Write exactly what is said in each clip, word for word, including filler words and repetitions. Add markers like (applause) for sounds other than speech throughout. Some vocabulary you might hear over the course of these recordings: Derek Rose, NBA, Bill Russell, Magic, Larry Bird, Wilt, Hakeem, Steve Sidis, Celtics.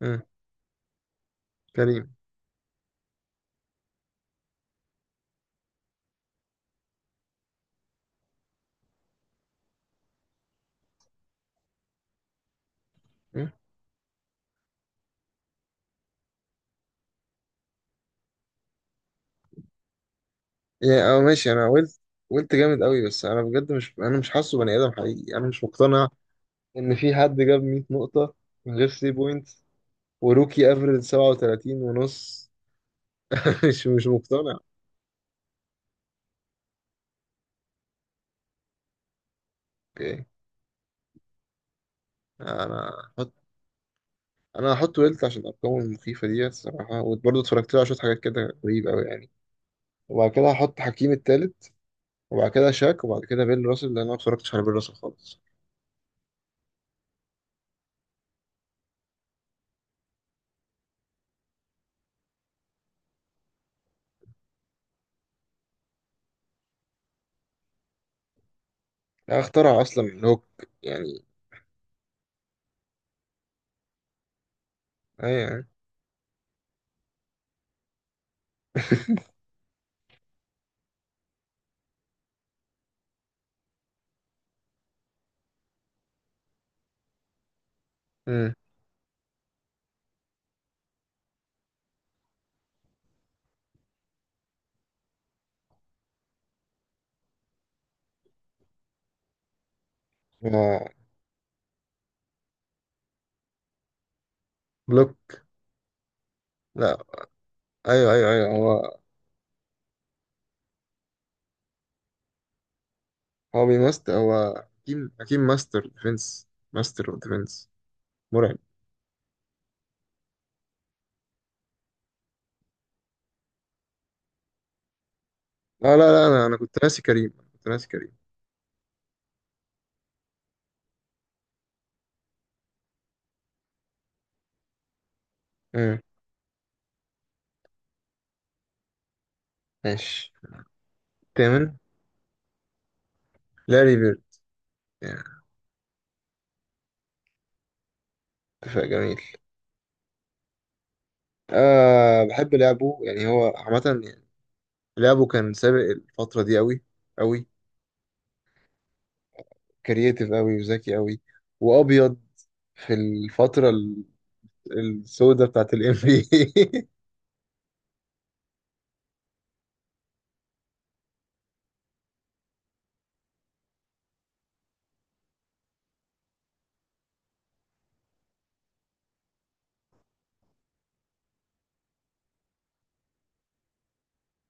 مم. كريم. مم. يعني اه ماشي، انا قلت قلت جامد قوي، بس انا بجد مش انا مش حاسه بني ادم حقيقي. انا مش مقتنع ان في حد جاب 100 نقطة من غير ثلاث بوينتس وروكي افريج سبعة وثلاثين ونص. (laughs) مش مش مقتنع. اوكي، انا هحط انا هحط ويلت عشان ارقامه المخيفة دي الصراحة، وبرضه اتفرجت له على شوية حاجات كده غريبة قوي يعني. وبعد كده هحط حكيم التالت، وبعد كده شاك، وبعد كده بيل راسل لان انا ما اتفرجتش على بيل راسل خالص. لا، اخترع اصلا الهوك يعني. ايوه يعني. (laughs) آه، بلوك. لا. ايوه ايوه ايوه، هو هو بيمست. هو حكيم حكيم ماستر ديفنس. ماستر اوف ديفنس. مرعب. لا لا لا، انا انا كنت ناسي كريم. أنا كنت ناسي كريم. امم ماشي. الثامن لاري بيرد يعني. اتفاق جميل. آه بحب لعبه يعني. هو عامة يعني لعبه كان سابق الفترة دي أوي أوي. كرييتيف أوي وذكي أوي وأبيض في الفترة ال- السوداء بتاعت ال إن بي إيه.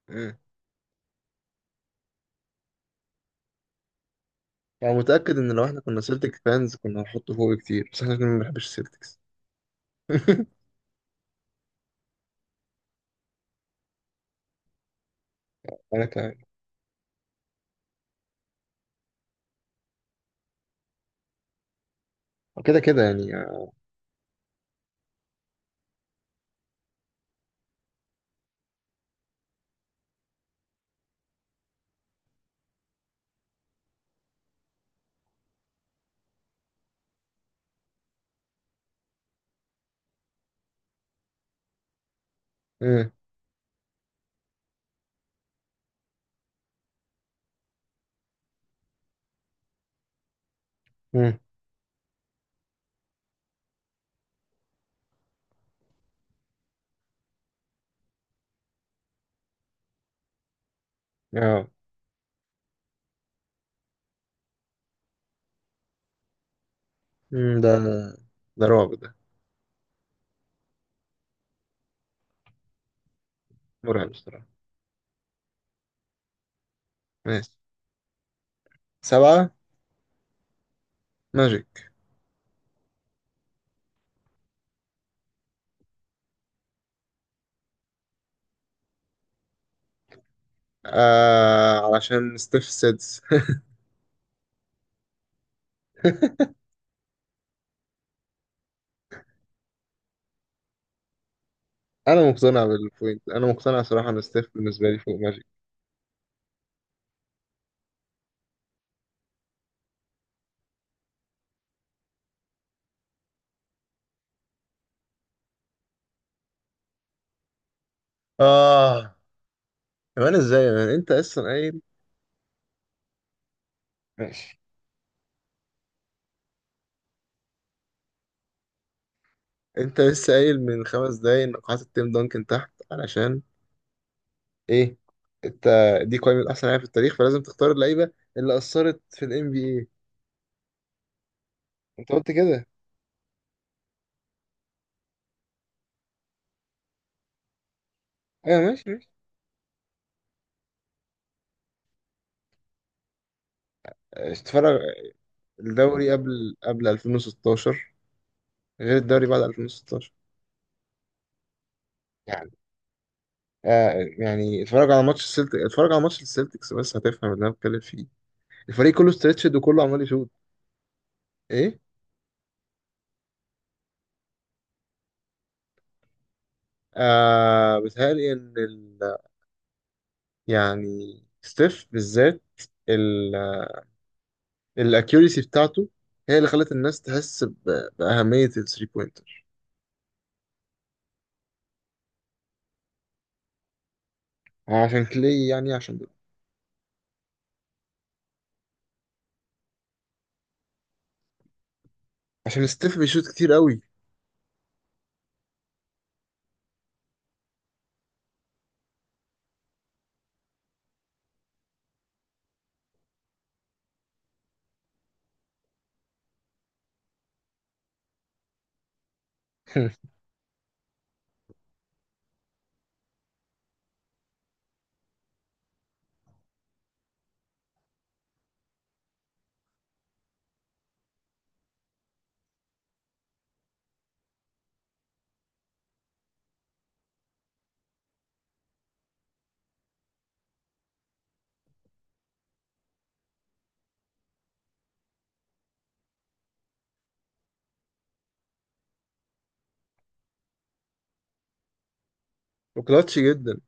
(laughs) يعني متأكد إن لو إحنا كنا سيلتك فانز كنا هنحطه فوق كتير، بس إحنا كنا ما بنحبش السيلتكس. (laughs) أنا كمان. كده كده يعني. آه. مم. مم. آه. مم. ده ده رعب ده. مرعب بصراحة. ماشي. سبعة. ماجيك. آه، علشان ستيف سيدس. (laughs) أنا مقتنع بالبوينت. أنا مقتنع صراحة إن ستيف بالنسبة لي فوق ماجيك. آه. كمان إزاي يا مان، أنت أصلا قايل؟ ماشي. أنت لسه قايل من خمس دقايق إن قاعات التيم دانكن تحت علشان ايه انت. دي قائمه احسن لاعب في التاريخ، فلازم تختار اللعيبه اللي اثرت في الام بي اي. انت قلت كده. ايوه ماشي ماشي. اتفرج. الدوري قبل قبل ألفين وستاشر غير الدوري بعد ألفين وستاشر يعني. آه يعني اتفرج على ماتش السلتك، اتفرج على ماتش السلتكس بس هتفهم اللي انا بتكلم فيه. الفريق كله ستريتشد وكله عمال يشوط. ايه. آه بيتهيألي ان ال... يعني ستيف بالذات الاكيوريسي بتاعته هي اللي خلت الناس تحس ب- بأهمية الثري بوينت. عشان كلي يعني، عشان عشان ستيف بيشوط كتير قوي. (laughs) وكلاتش جدا.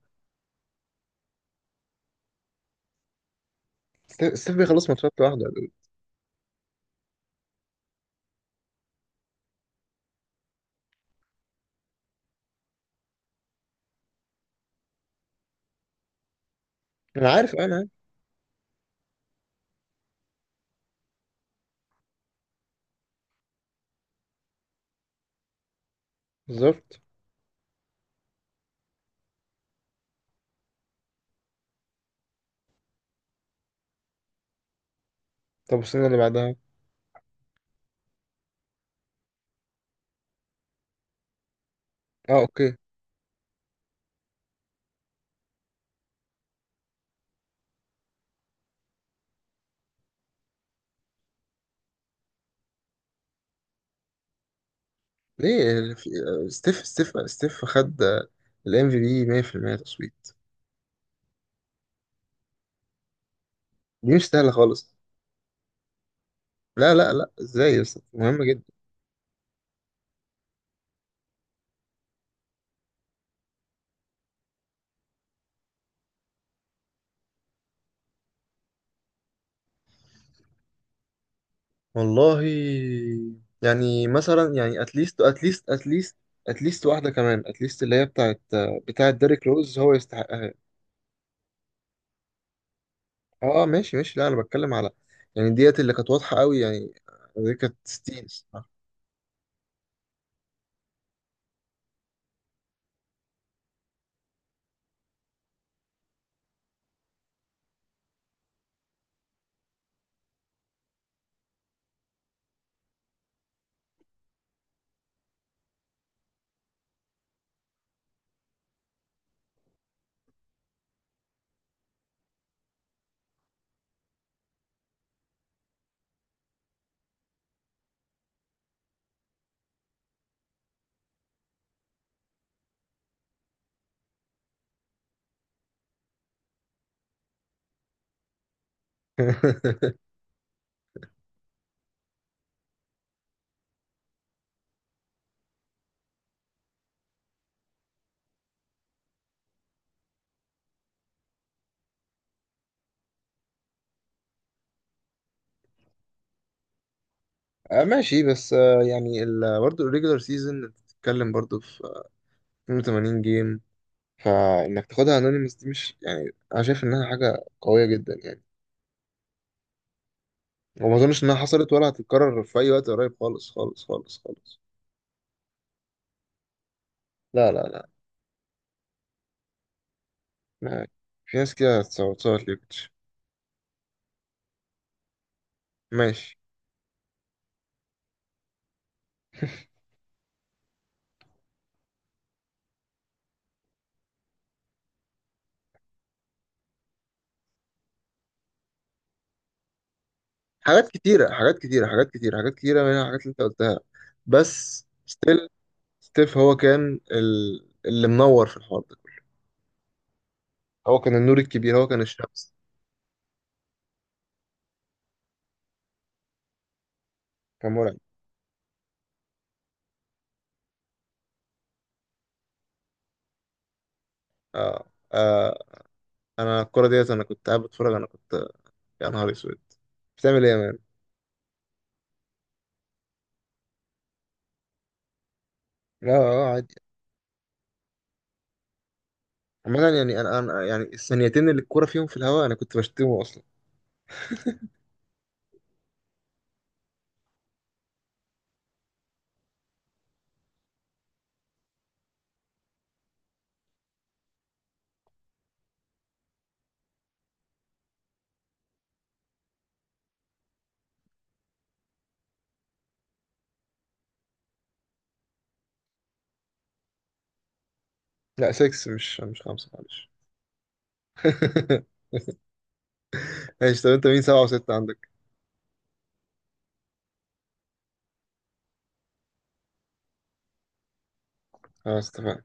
ستيف ستيف بيخلص ماتشات لوحده. انا عارف انا عارف. بالظبط. طب السنه اللي بعدها. اه اوكي. ليه ال- في- آه، ستيف ستيف ستيف خد الام في بي مية في المية تصويت. دي مش سهله خالص. لا لا لا، ازاي يا اسطى، مهمه جدا. والله يعني مثلا يعني اتليست اتليست اتليست اتليست واحده كمان. اتليست اللي هي بتاعت بتاعت ديريك روز هو يستحقها. اه ماشي ماشي، لا انا بتكلم على يعني ديت اللي كانت واضحه قوي يعني. دي كانت ستين الصراحة. (laughs) آه ماشي، بس آه يعني ال- برضه الريجولار سيزون بتتكلم برضه في اتنين وتمانين جيم فانك تاخدها انونيمس. دي مش يعني، انا شايف انها حاجه قويه جدا يعني، وما اظنش انها حصلت ولا هتتكرر في اي وقت قريب خالص خالص خالص خالص. لا لا لا، ما- في ناس كده هتصوت صوت ليكتش. ماشي. (laughs) حاجات كتيرة حاجات كتيرة حاجات كتيرة حاجات كتيرة منها حاجات اللي انت قلتها. بس ستيل. ستيف هو كان ال... اللي منور في الحوار ده كله. هو كان النور الكبير. هو كان الشمس. كان مرعب. آه. آه. انا الكرة ديت، انا كنت قاعد بتفرج، انا كنت يا نهار اسود. بتعمل ايه يا مان؟ لا، اه عادي. عامة يعني، انا انا يعني الثانيتين اللي الكورة فيهم في الهواء انا كنت بشتمه اصلا. لا ستة مش مش خمسة معلش. (laughs) ماشي، طب انت مين سبعة وستة عندك؟ خلاص اتفقنا.